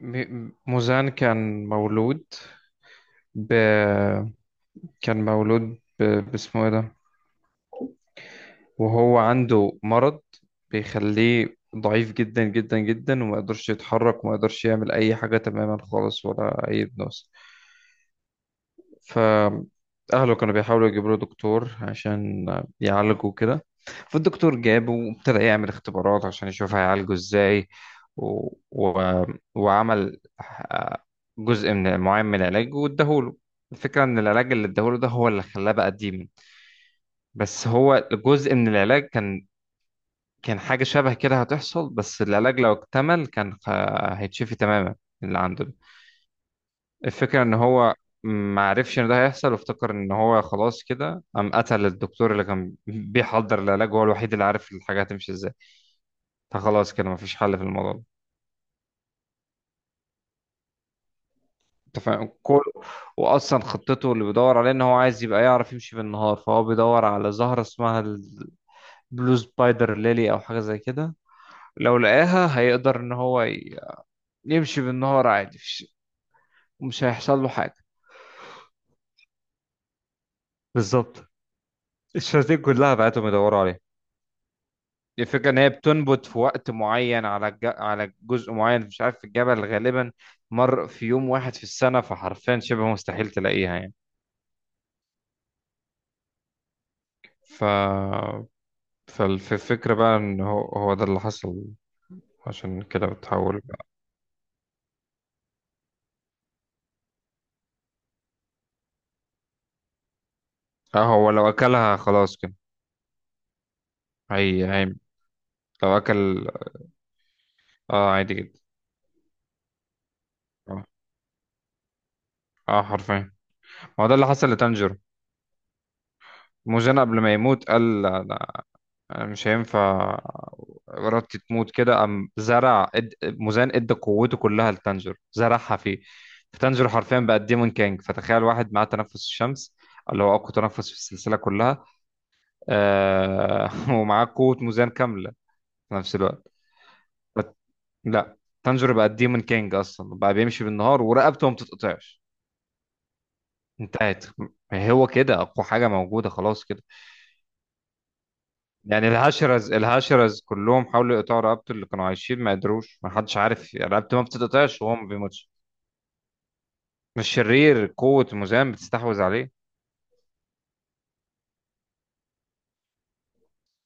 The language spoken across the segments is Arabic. موزان كان مولود ب... كان مولود باسمه ايه ده، وهو عنده مرض بيخليه ضعيف جدا جدا جدا، وما يقدرش يتحرك وما يقدرش يعمل اي حاجة تماما خالص ولا اي بنوس. فأهله كانوا بيحاولوا يجيبوا له دكتور عشان يعالجه كده. فالدكتور جابه وابتدى يعمل اختبارات عشان يشوف هيعالجه ازاي. و... و... وعمل، جزء من معين من العلاج واداهوله. الفكرة ان العلاج اللي اداهوله ده هو اللي خلاه بقى ديمن. بس هو جزء من العلاج كان حاجة شبه كده هتحصل، بس العلاج لو اكتمل كان هيتشفي تماما اللي عنده ده. الفكرة ان هو ما عرفش ان ده هيحصل، وافتكر ان هو خلاص كده، قام قتل الدكتور اللي كان بيحضر العلاج. هو الوحيد اللي عارف الحاجة هتمشي ازاي. فخلاص كده مفيش حل في الموضوع ده. انت فاهم كل. واصلا خطته اللي بيدور عليه ان هو عايز يبقى يعرف يمشي بالنهار. فهو بيدور على زهرة اسمها البلو سبايدر ليلي او حاجة زي كده. لو لقاها هيقدر ان هو يمشي بالنهار عادي، مش هيحصل له حاجة. بالظبط. الشياطين كلها بعتهم يدوروا عليها. الفكرة إن هي بتنبت في وقت معين على على جزء معين، مش عارف في الجبل غالبا. مر في يوم واحد في السنة، فحرفيا شبه مستحيل تلاقيها يعني. ف فالفكرة بقى إن هو، هو ده اللي حصل. عشان كده بتحول بقى. اه، هو لو أكلها خلاص كده. هي لو أكل. اه عادي جدا. اه، حرفيا. ما هو ده اللي حصل لتانجيرو. موزان قبل ما يموت قال لا، أنا مش هينفع ارادتي تموت كده، قام زرع، مزان ادى قوته كلها لتانجر، زرعها فيه. فتانجر حرفيا بقى ديمون كانج. فتخيل واحد معاه تنفس الشمس، اللي هو اقوى تنفس في السلسله كلها. ومعاه قوه مزان كامله في نفس الوقت. فت... لا، تانجر بقى ديمون كانج اصلا، بقى بيمشي بالنهار ورقبته ما بتتقطعش. انتهت. هو كده اقوى حاجه موجوده خلاص كده. يعني الهاشرز كلهم حاولوا يقطعوا رقبته اللي كانوا عايشين، ما قدروش. ما حدش عارف يعني رقبته ما بتتقطعش وهو ما بيموتش. مش شرير، قوة مuzan بتستحوذ عليه.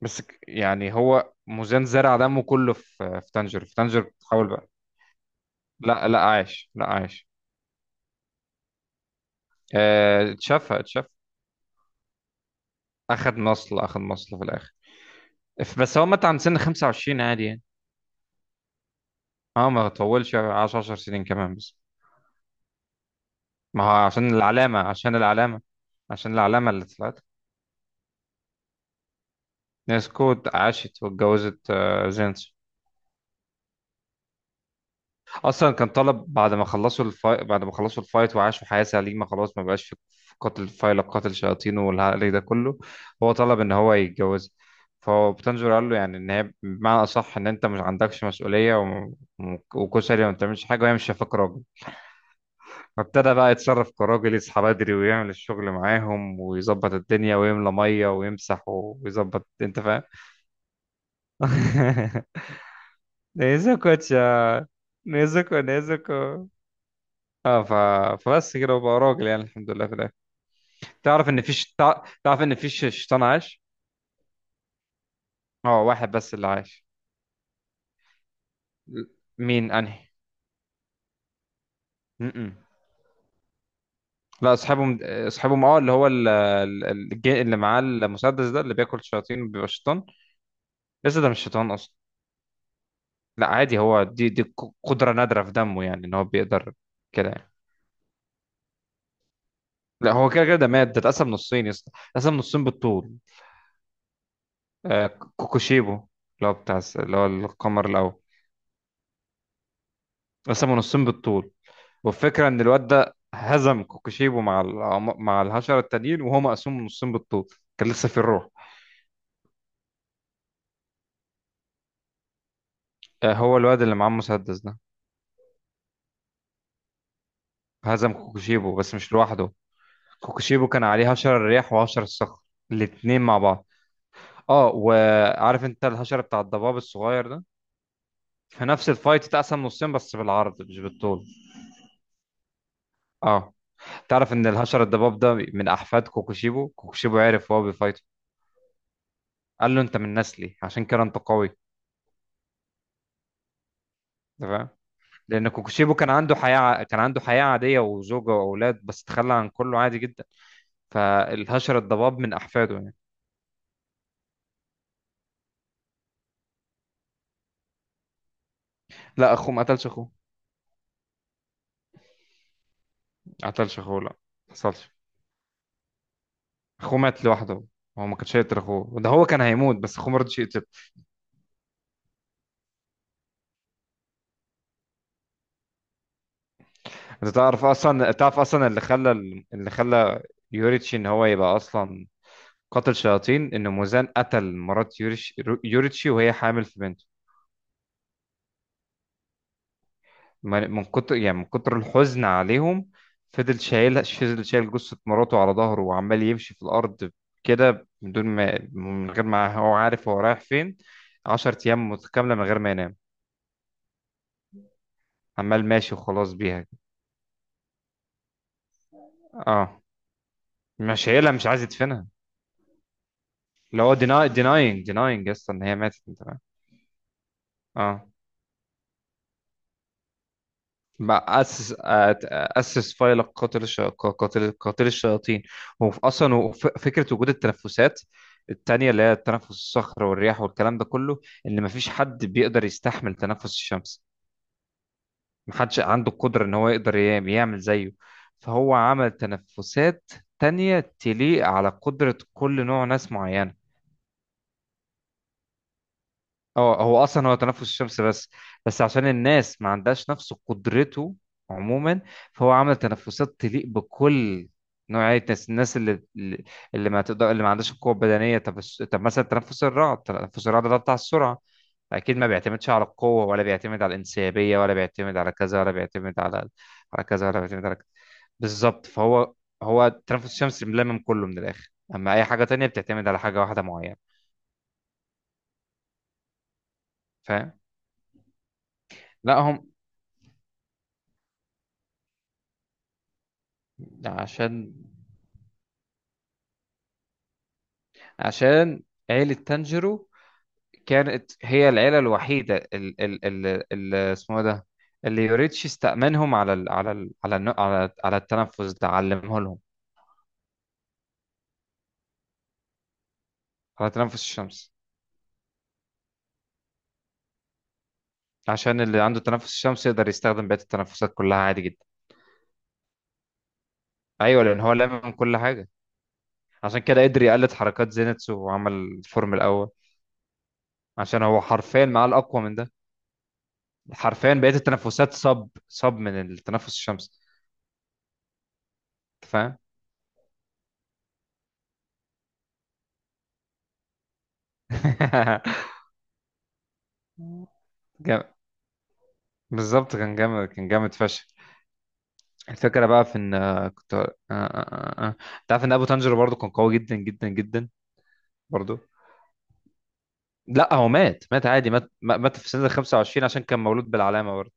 بس يعني هو مuzan زرع دمه كله في، في تانجر بتحاول بقى. لا، لا عايش، لا عايش. اتشفى. اخد مصل في الاخر. بس هو مات عند سن 25 عادي يعني. اه، ما طولش، عاش 10 سنين كمان بس. ما هو عشان العلامة، عشان العلامة اللي طلعت. ناسكو عاشت واتجوزت جينز. اصلا كان طلب بعد ما خلصوا الفايت، وعاشوا حياة سليمة، خلاص ما بقاش في قتل فايلة، قتل شياطين والهري ده كله. هو طلب ان هو يتجوز. فهو بتنجر قال له يعني ان هي بمعنى اصح ان انت مش عندكش مسؤولية، وكشري ما بتعملش حاجة، وهي مش شايفاك راجل. فابتدى بقى يتصرف كراجل، يصحى بدري ويعمل الشغل معاهم، ويظبط الدنيا ويملى مية ويمسح ويظبط، انت فاهم. ده نيزوكو، نيزوكو. اه فبس كده، وبقى راجل يعني، الحمد لله في الاخر. تعرف ان فيش، تعرف ان فيش شيطان عاش. اه، واحد بس اللي عاش. ل- مين انهي؟ م-م. لا، اصحابهم، اصحابهم، اه اللي هو اللي معاه المسدس ده، اللي بياكل شياطين وبيبقى شيطان. لسه ده مش شيطان اصلا. لا عادي، هو دي قدرة نادرة في دمه، يعني ان هو بيقدر كده يعني. لا، هو كده كده، ده مات، ده اتقسم نصين يا اسطى. اتقسم نصين بالطول. كوكوشيبو، اللي هو بتاع اللي هو القمر الاول. قسموا نصين بالطول. والفكره ان الواد ده هزم كوكوشيبو مع مع الحشره التانيين، وهو مقسوم نصين بالطول، كان لسه في الروح. هو الواد اللي معاه المسدس ده. هزم كوكوشيبو بس مش لوحده. كوكوشيبو كان عليه هشر الرياح وهشر الصخر، الاتنين مع بعض. اه، وعارف انت الهشر بتاع الضباب الصغير ده؟ في نفس الفايت اتقسم نصين بس بالعرض مش بالطول. اه. تعرف ان الهشر الضباب ده من احفاد كوكوشيبو؟ كوكوشيبو عرف وهو بيفايته، قال له انت من نسلي، عشان كده انت قوي. أنت فاهم. لان كوكوشيبو كان عنده حياه، كان عنده حياه عاديه وزوجه واولاد، بس تخلى عن كله عادي جدا. فالهشر الضباب من احفاده يعني. لا، اخوه ما قتلش اخوه، ما قتلش اخوه، لا، ما حصلش. اخوه مات لوحده. هو ما كانش يقتل اخوه، ده هو كان هيموت بس اخوه ما رضيش يقتل. انت تعرف اصلا، تعرف اصلا اللي خلى، اللي خلى يوريتشي ان هو يبقى اصلا قاتل شياطين؟ ان موزان قتل مرات يوريتشي وهي حامل في بنته. من كتر يعني من كتر الحزن عليهم، فضل شايل جثة مراته على ظهره، وعمال يمشي في الأرض كده من دون ما، من غير ما هو عارف هو رايح فين، عشر أيام متكاملة من غير ما ينام، عمال ماشي وخلاص بيها. اه، مش شايلها، مش عايز يدفنها. اللي هو denying يا اسطى ان هي ماتت، انت فاهم؟ اه، ما اسس، اسس فيلق قاتل الشياطين. هو اصلا هو فكره وجود التنفسات التانية، اللي هي تنفس الصخر والرياح والكلام ده كله، ان مفيش حد بيقدر يستحمل تنفس الشمس. محدش عنده القدره ان هو يقدر يعمل زيه. فهو عمل تنفسات تانية تليق على قدره كل نوع ناس معينه. اه، هو اصلا هو تنفس الشمس بس، بس عشان الناس ما عندهاش نفس قدرته عموما، فهو عمل تنفسات تليق بكل نوعية الناس، الناس اللي ما تقدر، اللي ما عندهاش القوة البدنية. طب طب مثلا تنفس الرعد، تنفس الرعد ده بتاع السرعة، أكيد ما بيعتمدش على القوة ولا بيعتمد على الانسيابية ولا بيعتمد على كذا ولا بيعتمد على، على كذا ولا بيعتمد على كذا. بالظبط. فهو، هو التنفس الشمس ملمم كله من الآخر، أما أي حاجة تانية بتعتمد على حاجة واحدة معينة. فاهم. لا هم، عشان عشان عيلة تانجيرو كانت هي العيلة الوحيدة، ال اسمه ده، اللي يوريتشي استأمنهم على ال على ال على على على التنفس ده، علمه لهم. على تنفس الشمس. عشان اللي عنده تنفس الشمس يقدر يستخدم بقية التنفسات كلها عادي جدا. ايوه، لان هو لامم كل حاجة، عشان كده قدر يقلد حركات زينتسو وعمل الفورم الاول، عشان هو حرفيا معاه الاقوى من ده. حرفيا بقية التنفسات صب من التنفس الشمس، انت فاهم. بالظبط، كان جامد، كان جامد فشخ. الفكرة بقى في ان، كنت انت عارف ان ابو تانجيرو برضه كان قوي جدا جدا جدا؟ برضه لا، هو مات، مات عادي مات مات في سنة 25 عشان كان مولود بالعلامة برضه.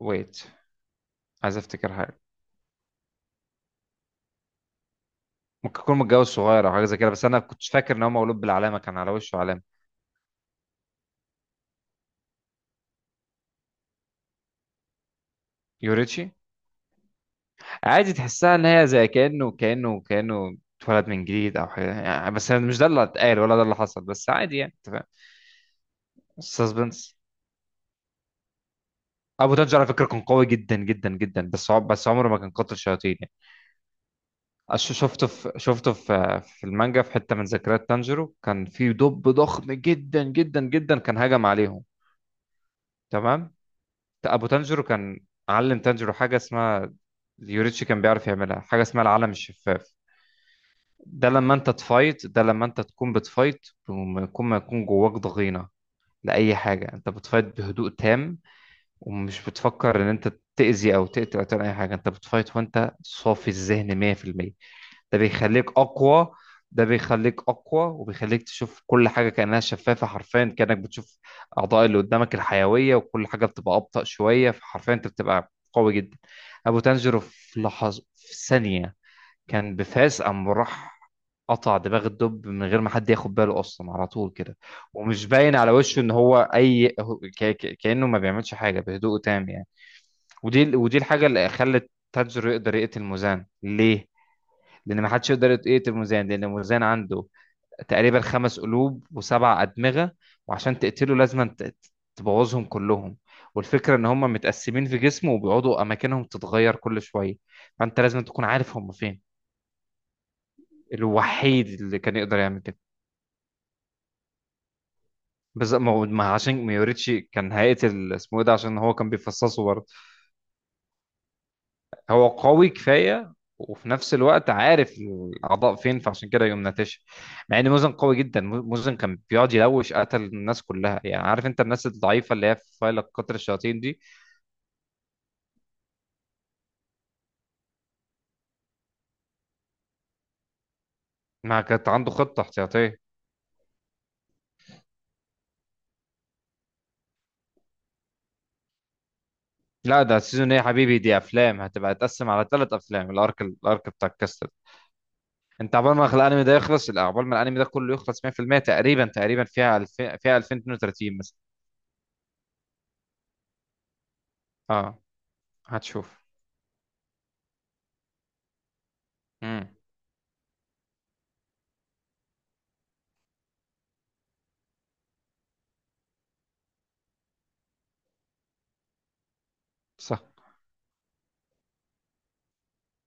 ويت، عايز افتكر حاجة. ممكن يكون متجوز صغير او حاجة زي كده، بس انا كنت فاكر ان هو مولود بالعلامة، كان على وشه علامة. يوريتشي. عادي تحسها ان هي زي كأنه اتولد من جديد او حاجة يعني، بس مش ده اللي اتقال ولا ده اللي حصل، بس عادي يعني انت فاهم. سسبنس. ابو تنج على فكره كان قوي جدا جدا جدا، بس بس عمره ما كان قاتل شياطين يعني. شفته في في المانجا، في حته من ذكريات تانجيرو، كان في دب ضخم جدا جدا جدا كان هجم عليهم. تمام. ابو تانجيرو كان علم تانجيرو حاجه اسمها، يوريتشي كان بيعرف يعملها، حاجه اسمها العالم الشفاف. ده لما انت تفايت، ده لما انت تكون بتفايت بما يكون، ما يكون جواك ضغينه لاي حاجه، انت بتفايت بهدوء تام ومش بتفكر ان انت تأذي او تقتل او تعمل اي حاجه. انت بتفايت وانت صافي الذهن 100%. ده بيخليك اقوى، ده بيخليك اقوى وبيخليك تشوف كل حاجه كانها شفافه، حرفيا كانك بتشوف اعضاء اللي قدامك الحيويه، وكل حاجه بتبقى ابطأ شويه، فحرفيا انت بتبقى قوي جدا. ابو تنجرو في لحظه، في ثانيه، كان بفاس قام راح قطع دماغ الدب من غير ما حد ياخد باله اصلا، على طول كده. ومش باين على وشه ان هو اي كانه ما بيعملش حاجه، بهدوء تام يعني. ودي الحاجه اللي خلت تاجر يقدر يقتل موزان. ليه؟ لان ما حدش يقدر يقتل موزان، لان موزان عنده تقريبا خمس قلوب وسبع ادمغه. وعشان تقتله لازم تبوظهم كلهم. والفكره ان هم متقسمين في جسمه، وبيقعدوا اماكنهم تتغير كل شويه. فانت لازم تكون عارف هم فين. الوحيد اللي كان يقدر يعمل كده. بس ما عشان ميوريتشي كان هيقتل اسمه ايه ده، عشان هو كان بيفصصه برضه. هو قوي كفايه، وفي نفس الوقت عارف الاعضاء فين، فعشان كده يقوم ناتش. مع ان موزن قوي جدا، موزن كان بيقعد يلوش قتل الناس كلها يعني، عارف انت الناس الضعيفه اللي هي في فايل قطر الشياطين دي. ما كانت عنده خطه احتياطيه. لا، ده السيزون ايه يا حبيبي؟ دي افلام هتبقى تقسم على ثلاث افلام، الارك، الارك بتاع الكاست. انت عقبال ما الانمي ده يخلص، لا، عقبال ما الانمي ده كله يخلص 100%. تقريبا، تقريبا فيها 2000، فيها 2032 مثلا. اه، هتشوف. امم. صح.